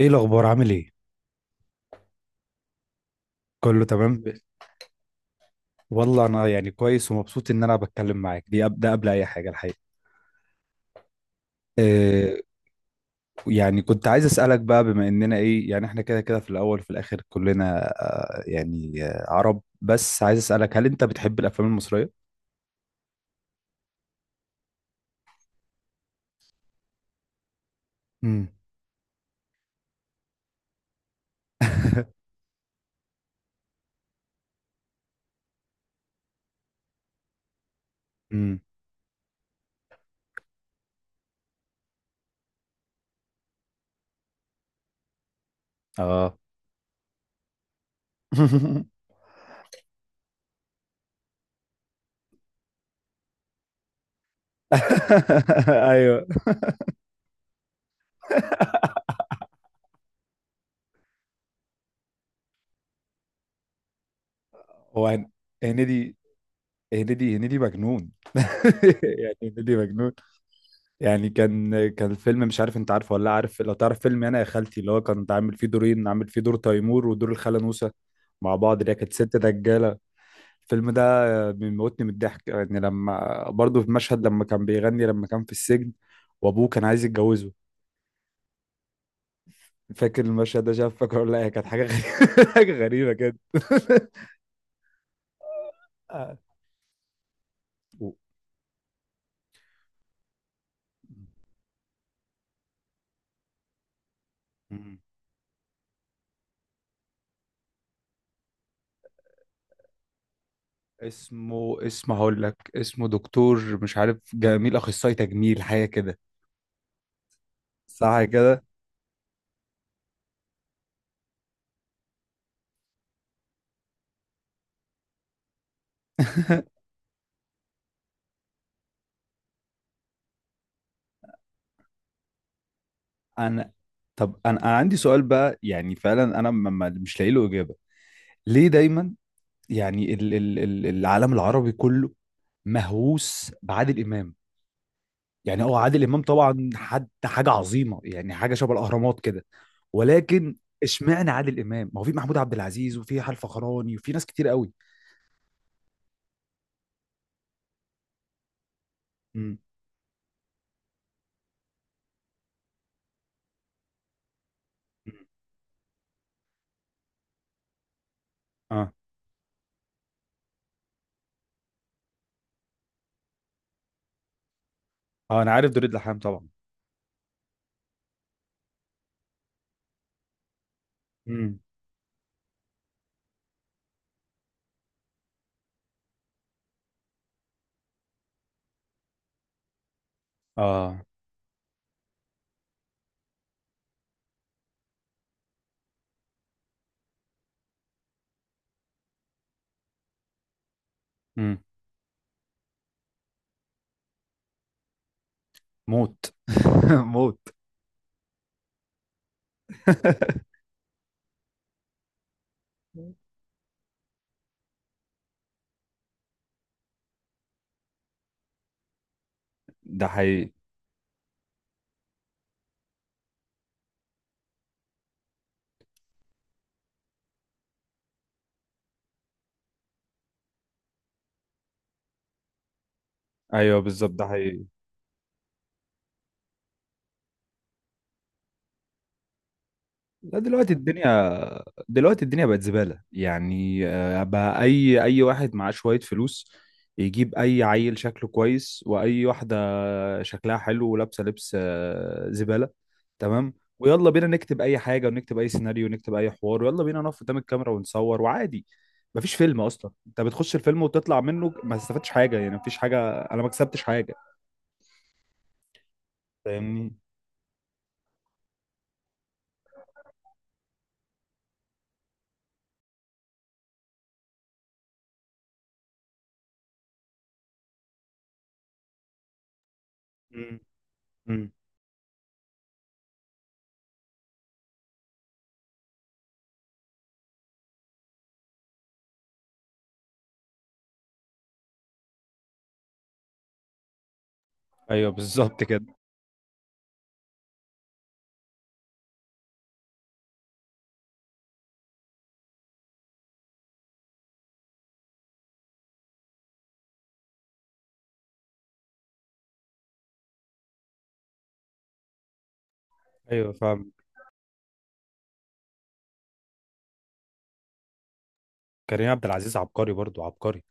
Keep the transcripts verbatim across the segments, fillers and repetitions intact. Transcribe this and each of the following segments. ايه الاخبار؟ عامل ايه؟ كله تمام. ب- والله انا يعني كويس ومبسوط ان انا بتكلم معاك دي أب- ده قبل اي حاجه الحقيقه. إيه؟ يعني كنت عايز اسالك بقى، بما اننا ايه، يعني احنا كده كده في الاول وفي الاخر كلنا آه يعني آه عرب، بس عايز اسالك هل انت بتحب الافلام المصريه؟ امم. امم. اه. ايوه. هو هن- هنيدي. هنيدي هنيدي مجنون. يعني هنيدي مجنون. يعني كان كان الفيلم، مش عارف انت عارفه ولا لا، عارف لو تعرف فيلم انا يا خالتي، اللي هو كنت عامل فيه دورين، عامل فيه دور تيمور ودور الخاله نوسه مع بعض اللي هي كانت ست دجاله؟ الفيلم ده بيموتني من الضحك. يعني لما برضه في مشهد لما كان بيغني لما كان في السجن وابوه كان عايز يتجوزه، فاكر المشهد ده؟ شاف فاكر ولا لا؟ هي كانت حاجه غريبه، حاجه غريبه كده. آه. و- مم. اسمه، اسمه هقول لك، اسمه دكتور مش عارف جميل، اخصائي تجميل، حاجه كده. صح كده. انا، طب انا أنا عندي سؤال بقى. يعني فعلا انا م- م- مش لاقي له اجابه، ليه دايما يعني ال ال ال العالم العربي كله مهووس بعادل امام؟ يعني هو عادل امام طبعا حد حاجه عظيمه، يعني حاجه شبه الاهرامات كده، ولكن اشمعنى عادل امام؟ ما هو في محمود عبد العزيز وفي حال فخراني وفي ناس كتير قوي. امم. اه. اه، انا عارف دوريد لحام طبعا. امم. اه. امم. موت. موت. ده حقيقي. ايوه بالظبط، ده حقيقي. لا، دلوقتي الدنيا، دلوقتي الدنيا بقت زبالة. يعني آه، بقى أي أي واحد معاه شوية فلوس يجيب أي عيل شكله كويس وأي واحدة شكلها حلو ولابسة لبس آه، زبالة. تمام. ويلا بينا نكتب أي حاجة، ونكتب أي سيناريو، ونكتب أي حوار، ويلا بينا نقف قدام الكاميرا ونصور وعادي. مفيش فيلم أصلا أنت بتخش الفيلم وتطلع منه ما استفدتش حاجة. يعني مفيش حاجة، أنا ما كسبتش حاجة. فاهمني؟ مم. مم. أيوه بالظبط كده. أيوه فاهم. كريم عبد العزيز عبقري برضو، عبقري.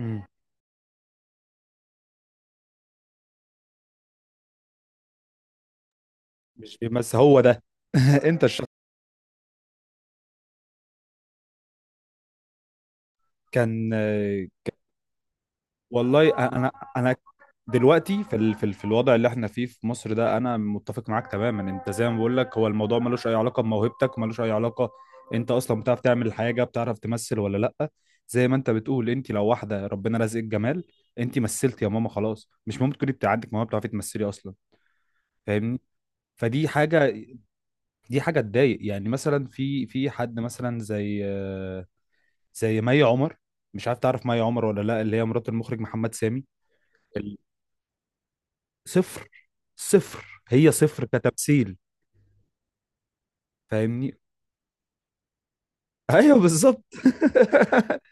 مم. مش بس هو ده. انت الشخص كان آه، والله انا، انا دلوقتي في ال... في, ال... في الوضع اللي احنا فيه في مصر ده، انا متفق معاك تماما. انت زي ما بقول لك، هو الموضوع ملوش اي علاقه بموهبتك، ملوش اي علاقه انت اصلا بتعرف تعمل حاجه، بتعرف تمثل ولا لا. زي ما انت بتقول، انت لو واحده ربنا رزقك جمال، انت مثلت يا ماما، خلاص مش ممكن تكوني بتاع عندك موهبه بتعرفي تمثلي اصلا. فاهمني؟ فدي حاجه، دي حاجه تضايق. يعني مثلا في في حد مثلا زي آه، زي مي عمر، مش عارف تعرف مي عمر ولا لا، اللي هي مرات المخرج محمد سامي. ال- صفر. صفر، هي صفر كتمثيل. فاهمني؟ ايوه بالظبط.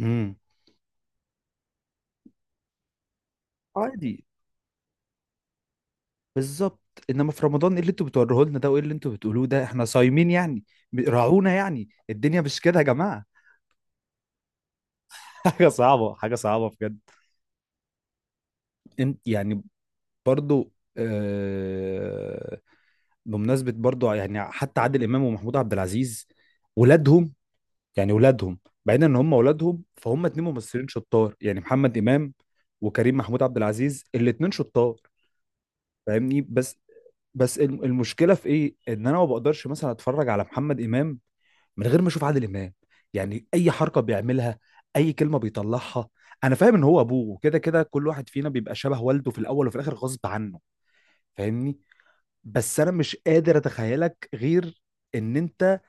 امم. عادي. بالظبط. انما في رمضان، ايه اللي انتوا بتوروه لنا ده؟ وايه اللي انتوا بتقولوه ده؟ احنا صايمين يعني. ب- راعونا يعني، الدنيا مش كده يا جماعه. حاجه صعبه، حاجه صعبه بجد. انت يعني، برضو آه، بمناسبه برضو، يعني حتى عادل امام ومحمود عبد العزيز، ولادهم، يعني ولادهم، بعيدا ان هم ولادهم، فهم اتنين ممثلين شطار، يعني محمد امام وكريم محمود عبد العزيز، الاتنين شطار. فاهمني؟ بس، بس الم- المشكله في ايه ان انا ما بقدرش مثلا اتفرج على محمد امام من غير ما اشوف عادل امام. يعني اي حركه بيعملها، اي كلمه بيطلعها، انا فاهم ان هو ابوه، وكده كده كل واحد فينا بيبقى شبه والده في الاول وفي الاخر غصب عنه. فاهمني؟ بس انا مش قادر اتخيلك غير ان انت،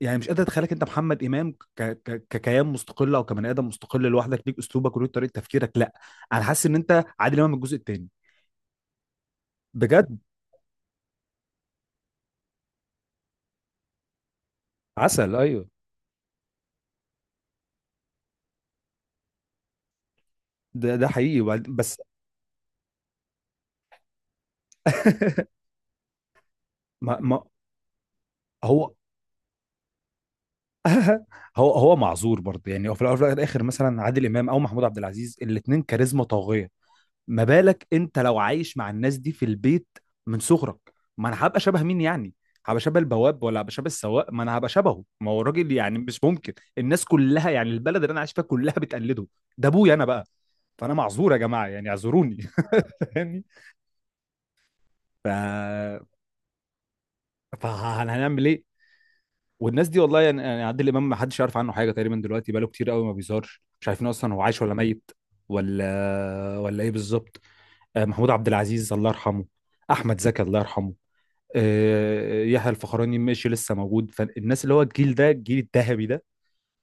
يعني مش قادر اتخيلك انت محمد امام ك... ك... ككيان مستقل او كبني ادم مستقل لوحدك، ليك اسلوبك وليك طريقه تفكيرك. لا، انا حاسس ان انت عادل امام الجزء الثاني. بجد. عسل، ايوه. ده ده حقيقي. وبعد- بس. ما... ما هو. هو هو معذور برضه. يعني هو في الاول وفي الاخر، مثلا عادل امام او محمود عبد العزيز، الاثنين كاريزما طاغيه، ما بالك انت لو عايش مع الناس دي في البيت من صغرك؟ ما انا هبقى شبه مين يعني؟ هبقى شبه البواب، ولا هبقى شبه السواق؟ ما انا هبقى شبهه، ما هو الراجل يعني مش ممكن. الناس كلها يعني البلد اللي انا عايش فيها كلها بتقلده، ده ابويا انا بقى. فانا معذور يا جماعه، يعني اعذروني. يعني، ف فهنعمل ايه؟ والناس دي، والله يعني، يعني عادل امام ما حدش يعرف عنه حاجه تقريبا دلوقتي، بقاله كتير قوي ما بيظهرش، مش عارفين اصلا هو عايش ولا ميت ولا ولا ايه بالظبط. آه، محمود عبد العزيز الله يرحمه، احمد زكي الله يرحمه، آه، يحيى الفخراني ماشي لسه موجود. فالناس اللي هو الجيل ده، الجيل الذهبي ده،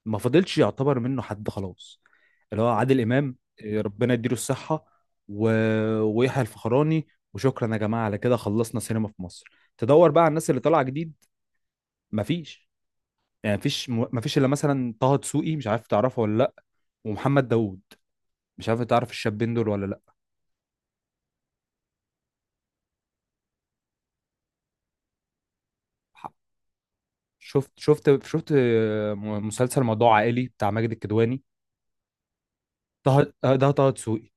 ما فضلش يعتبر منه حد خلاص، اللي هو عادل امام، آه، ربنا يديله الصحه، و... ويحيى الفخراني. وشكرا يا جماعه، على كده خلصنا سينما في مصر. تدور بقى على الناس اللي طالعه جديد، مفيش. يعني مفيش، م- مفيش الا مثلا طه دسوقي، مش عارف تعرفه ولا لا، ومحمد داوود، مش عارف تعرف الشابين دول ولا لا. ح- شفت شفت شفت آه، مسلسل موضوع عائلي بتاع ماجد الكدواني؟ طه آه، ده طه دسوقي.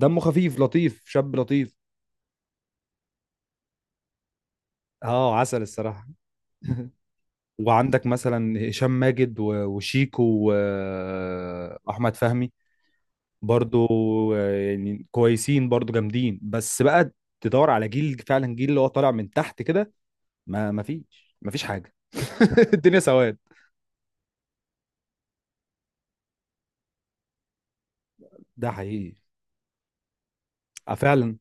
دمه خفيف، لطيف، شاب لطيف. اه، عسل الصراحة. وعندك مثلا هشام ماجد و- وشيكو واحمد فهمي برضو، آه، يعني كويسين برضو، جامدين، بس بقى تدور على جيل فعلا، جيل اللي هو طالع من تحت كده، ما ما فيش، ما فيش حاجة. الدنيا سواد. ده حقيقي. آه، فعلا.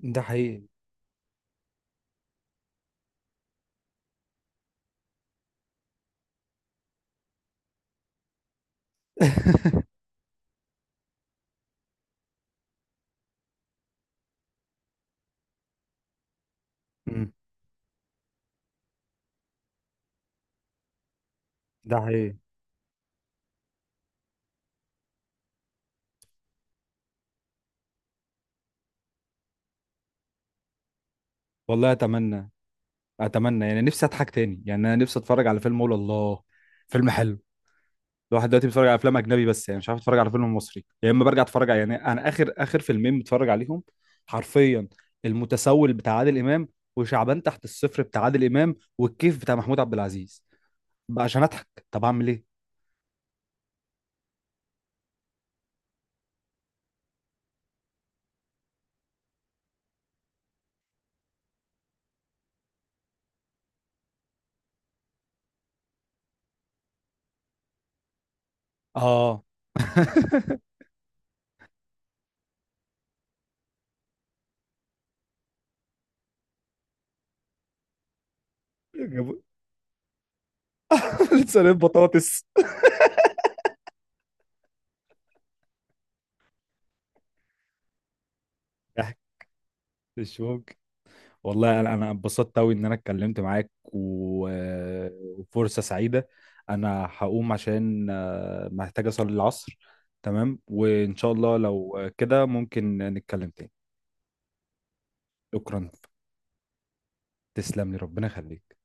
ده حقيقي. مم. ده حقيقي. والله اتمنى، اتمنى يعني، نفسي اضحك تاني. يعني انا نفسي اتفرج على فيلم اقول الله، فيلم حلو. الواحد دلوقتي بيتفرج على افلام اجنبي بس، يعني مش عارف اتفرج على فيلم مصري، يا اما برجع اتفرج على، يعني انا اخر اخر فيلمين بتفرج عليهم حرفيا، المتسول بتاع عادل امام، وشعبان تحت الصفر بتاع عادل امام، والكيف بتاع محمود عبد العزيز، بقى عشان اضحك. طب اعمل ايه؟ اه. جابوا- لسه بطاطس. ضحك، مش ممكن. والله انا، أنا اتبسطت قوي ان انا اتكلمت معاك، و- وفرصة سعيدة. انا هقوم عشان آه، محتاج اصلي العصر. تمام، وان شاء الله لو كده ممكن نتكلم تاني. شكرا، تسلم لي، ربنا يخليك.